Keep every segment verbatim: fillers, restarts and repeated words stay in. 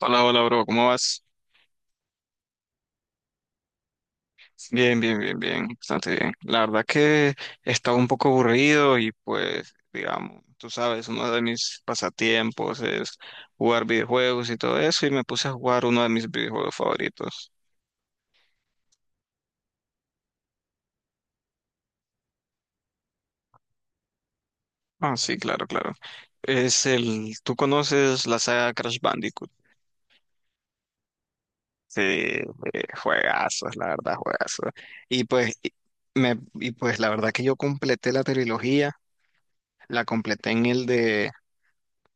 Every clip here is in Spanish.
Hola, hola, bro, ¿cómo vas? Bien, bien, bien, bien, bastante bien. La verdad que estaba un poco aburrido y pues, digamos, tú sabes, uno de mis pasatiempos es jugar videojuegos y todo eso, y me puse a jugar uno de mis videojuegos favoritos. Ah, sí, claro, claro. Es el, ¿tú conoces la saga Crash Bandicoot? Sí, eh, juegazos, la verdad, juegazos. Y pues, y, me, y pues la verdad que yo completé la trilogía, la completé en el de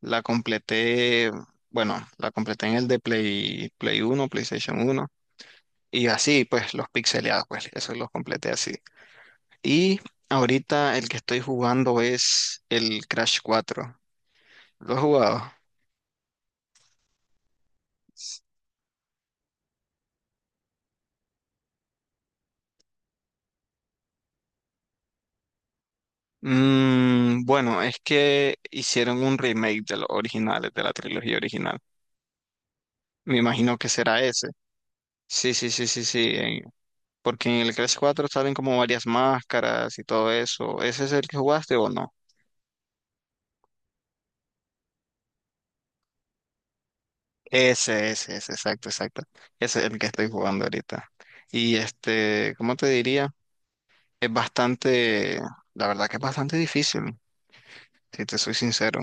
La completé, bueno, la completé en el de Play, Play uno, PlayStation uno. Y así, pues, los pixeleados, pues, eso los completé así. Y ahorita el que estoy jugando es el Crash cuatro. ¿Lo has jugado? Mm, bueno, es que hicieron un remake de los originales, de la trilogía original. Me imagino que será ese. Sí, sí, sí, sí, sí, en- porque en el Crash cuatro salen como varias máscaras y todo eso. ¿Ese es el que jugaste o no? Ese, ese, ese, exacto, exacto. Ese es el que estoy jugando ahorita. Y este, ¿cómo te diría? Es bastante, la verdad que es bastante difícil, si te soy sincero.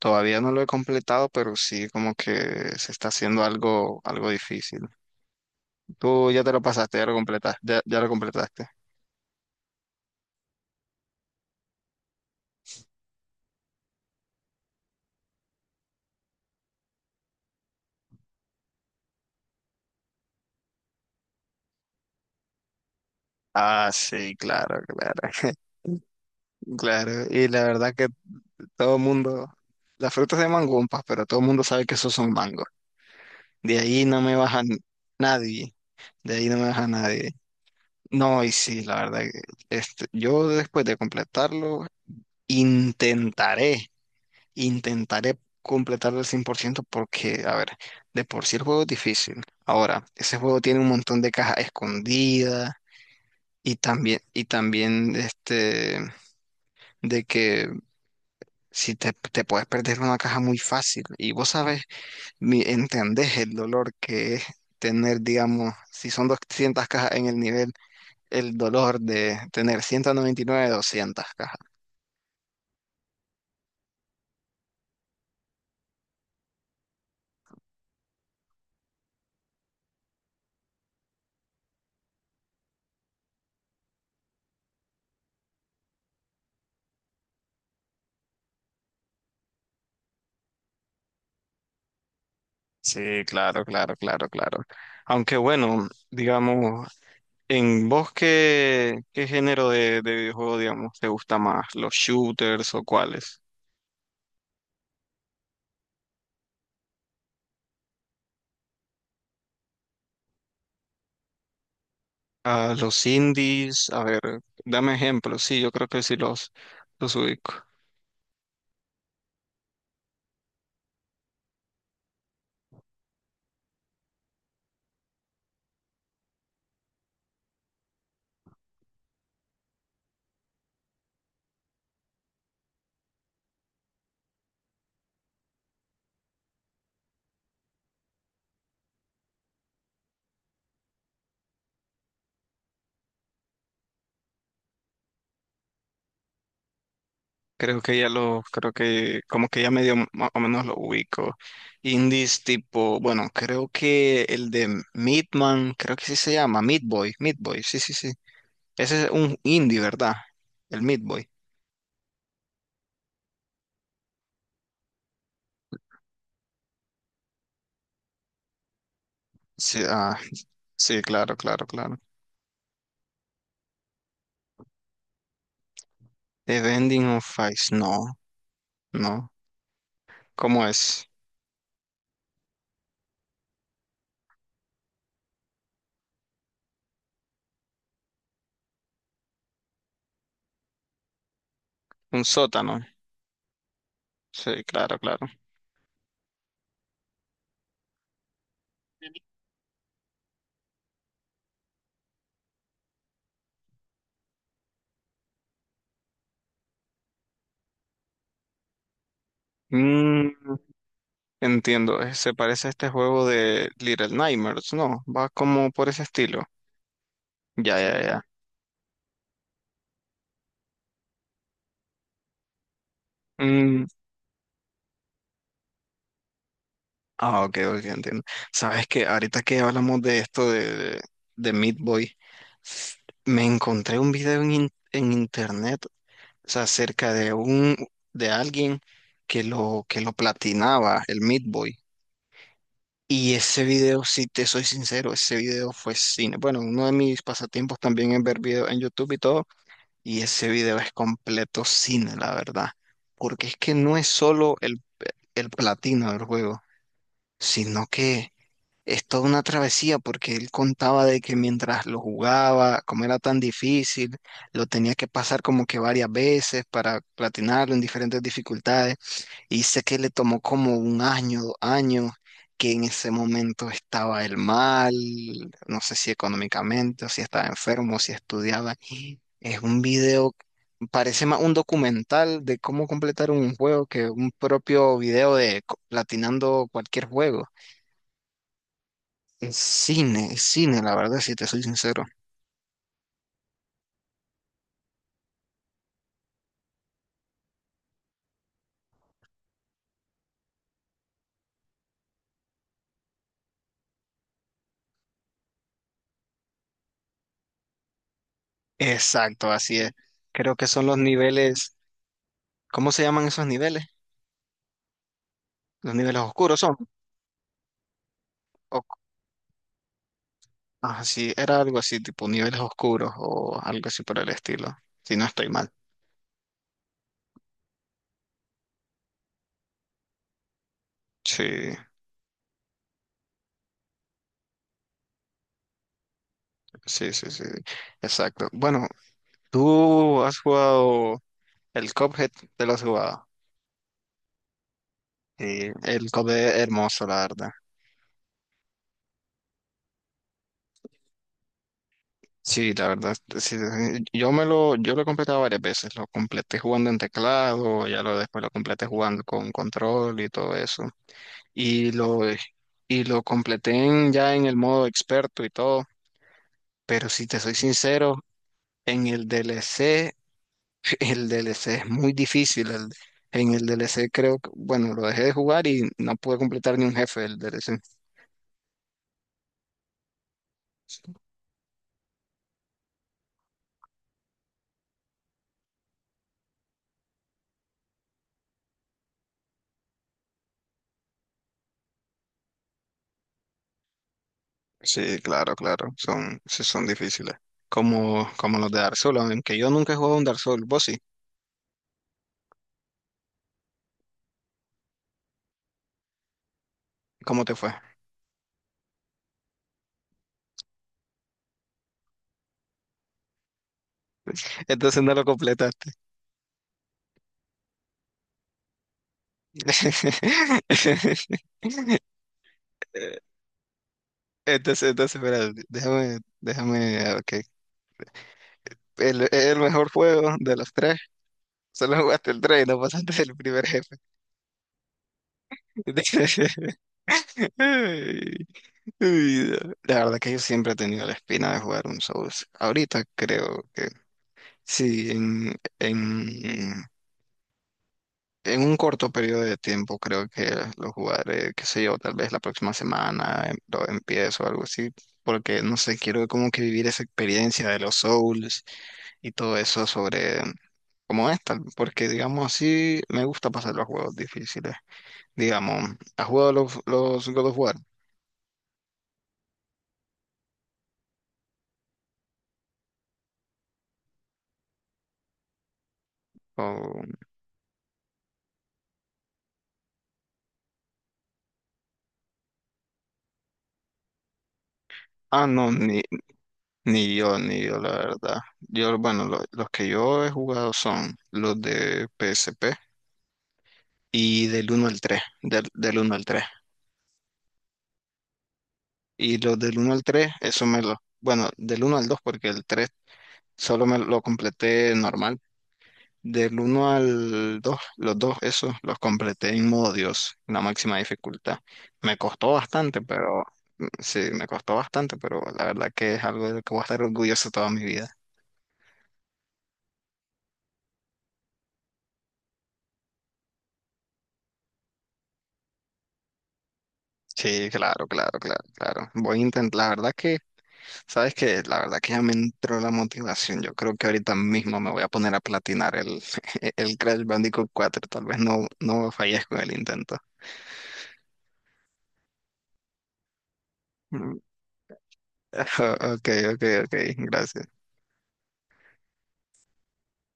Todavía no lo he completado, pero sí como que se está haciendo algo, algo difícil. Tú ya te lo pasaste, ya lo completaste, ya, ya lo completaste. Ah, sí, claro, claro. Claro, y la verdad que todo el mundo, las frutas se llaman gumpas, pero todo el mundo sabe que esos son mangos. De ahí no me baja n- nadie. De ahí no me baja nadie. No, y sí, la verdad que, este, yo después de completarlo, intentaré, intentaré completarlo al cien por ciento, porque, a ver, de por sí el juego es difícil. Ahora, ese juego tiene un montón de cajas escondidas, y también, y también, este, de que si te, te puedes perder una caja muy fácil. Y vos sabes, mi- ¿entendés el dolor que es tener, digamos, si son doscientas cajas en el nivel, el dolor de tener ciento noventa y nueve doscientas cajas? Sí, claro, claro, claro, claro. Aunque bueno, digamos, ¿en vos qué, qué género de, de videojuego, digamos, te gusta más, los shooters o cuáles? Ah, los indies, a ver, dame ejemplos, sí, yo creo que sí los, los ubico. Creo que ya lo, creo que como que ya medio más o menos lo ubico. Indies tipo, bueno, creo que el de Midman, creo que sí se llama, Meat Boy, Meat Boy, sí, sí, sí. Ese es un indie, ¿verdad? El Meat Boy. Sí, ah, sí, claro, claro, claro. The Bending of Ice, no, no. ¿Cómo es? Un sótano. Sí, claro, claro. Mm, entiendo, eh, se parece a este juego de Little Nightmares, ¿no? Va como por ese estilo. Ya, ya, ya. Mm, ah, ok, ok, entiendo. Sabes que ahorita que hablamos de esto de, de Meat Boy, s- me encontré un video en, in- en internet, o sea, acerca de un de alguien, que lo que lo platinaba, el Meat Boy. Y ese video, si te soy sincero, ese video fue cine. Bueno, uno de mis pasatiempos también es ver videos en YouTube y todo, y ese video es completo cine, la verdad. Porque es que no es solo el, el platino del juego, sino que es toda una travesía porque él contaba de que mientras lo jugaba, como era tan difícil, lo tenía que pasar como que varias veces para platinarlo en diferentes dificultades. Y sé que le tomó como un año, dos años, que en ese momento estaba él mal, no sé si económicamente, o si estaba enfermo, o si estudiaba. Es un video, parece más un documental de cómo completar un juego que un propio video de co- platinando cualquier juego. Es cine, es cine, la verdad, si te soy sincero. Exacto, así es. Creo que son los niveles, ¿cómo se llaman esos niveles? Los niveles oscuros son. O, ah, sí, era algo así, tipo niveles oscuros o algo así por el estilo, si no estoy mal. Sí, sí, sí, sí, exacto. Bueno, ¿tú has jugado el Cuphead, te lo has jugado? Sí, el Cuphead es hermoso, la verdad. Sí, la verdad, sí, sí, yo me lo, yo lo he completado varias veces, lo completé jugando en teclado, ya lo después lo completé jugando con control y todo eso, y lo, y lo completé en- ya en el modo experto y todo, pero si te soy sincero, en el D L C, el D L C es muy difícil, el- en el D L C creo que, bueno, lo dejé de jugar y no pude completar ni un jefe del D L C. Sí, claro, claro, son, sí son difíciles, como, como los de Dark Souls, aunque yo nunca he jugado un Dark Souls, ¿vos sí? ¿Cómo te fue? Entonces no lo completaste. Entonces, entonces, espera, déjame, déjame, ah, ok. El, el mejor juego de los tres. Solo jugaste el tres y no pasaste el primer jefe. Ay, ay, la verdad que yo siempre he tenido la espina de jugar un Souls. Ahorita creo que sí, en, en En un corto periodo de tiempo creo que lo jugaré, qué sé yo, tal vez la próxima semana em- lo empiezo o algo así, porque no sé, quiero como que vivir esa experiencia de los Souls y todo eso sobre cómo es tal, porque digamos así me gusta pasar los juegos difíciles. Digamos, ¿has jugado los, los God of War? O- ah, no, ni, ni yo, ni yo, la verdad. Yo, bueno, lo- los que yo he jugado son los de P S P, y del uno al tres, del, del uno al tres. Y los del uno al tres, eso me lo... Bueno, del uno al dos porque el tres solo me lo completé normal. Del uno al dos, los dos, esos los completé en modo Dios, en la máxima dificultad. Me costó bastante, pero... Mm, sí, me costó bastante, pero la verdad que es algo de lo que voy a estar orgulloso toda mi vida. Sí, claro, claro, claro, claro. Voy a intentar, la verdad que sabes que la verdad que ya me entró la motivación. Yo creo que ahorita mismo me voy a poner a platinar el, el Crash Bandicoot cuatro. Tal vez no, no fallezco en el intento. Mm. Ok, ok, ok. Gracias.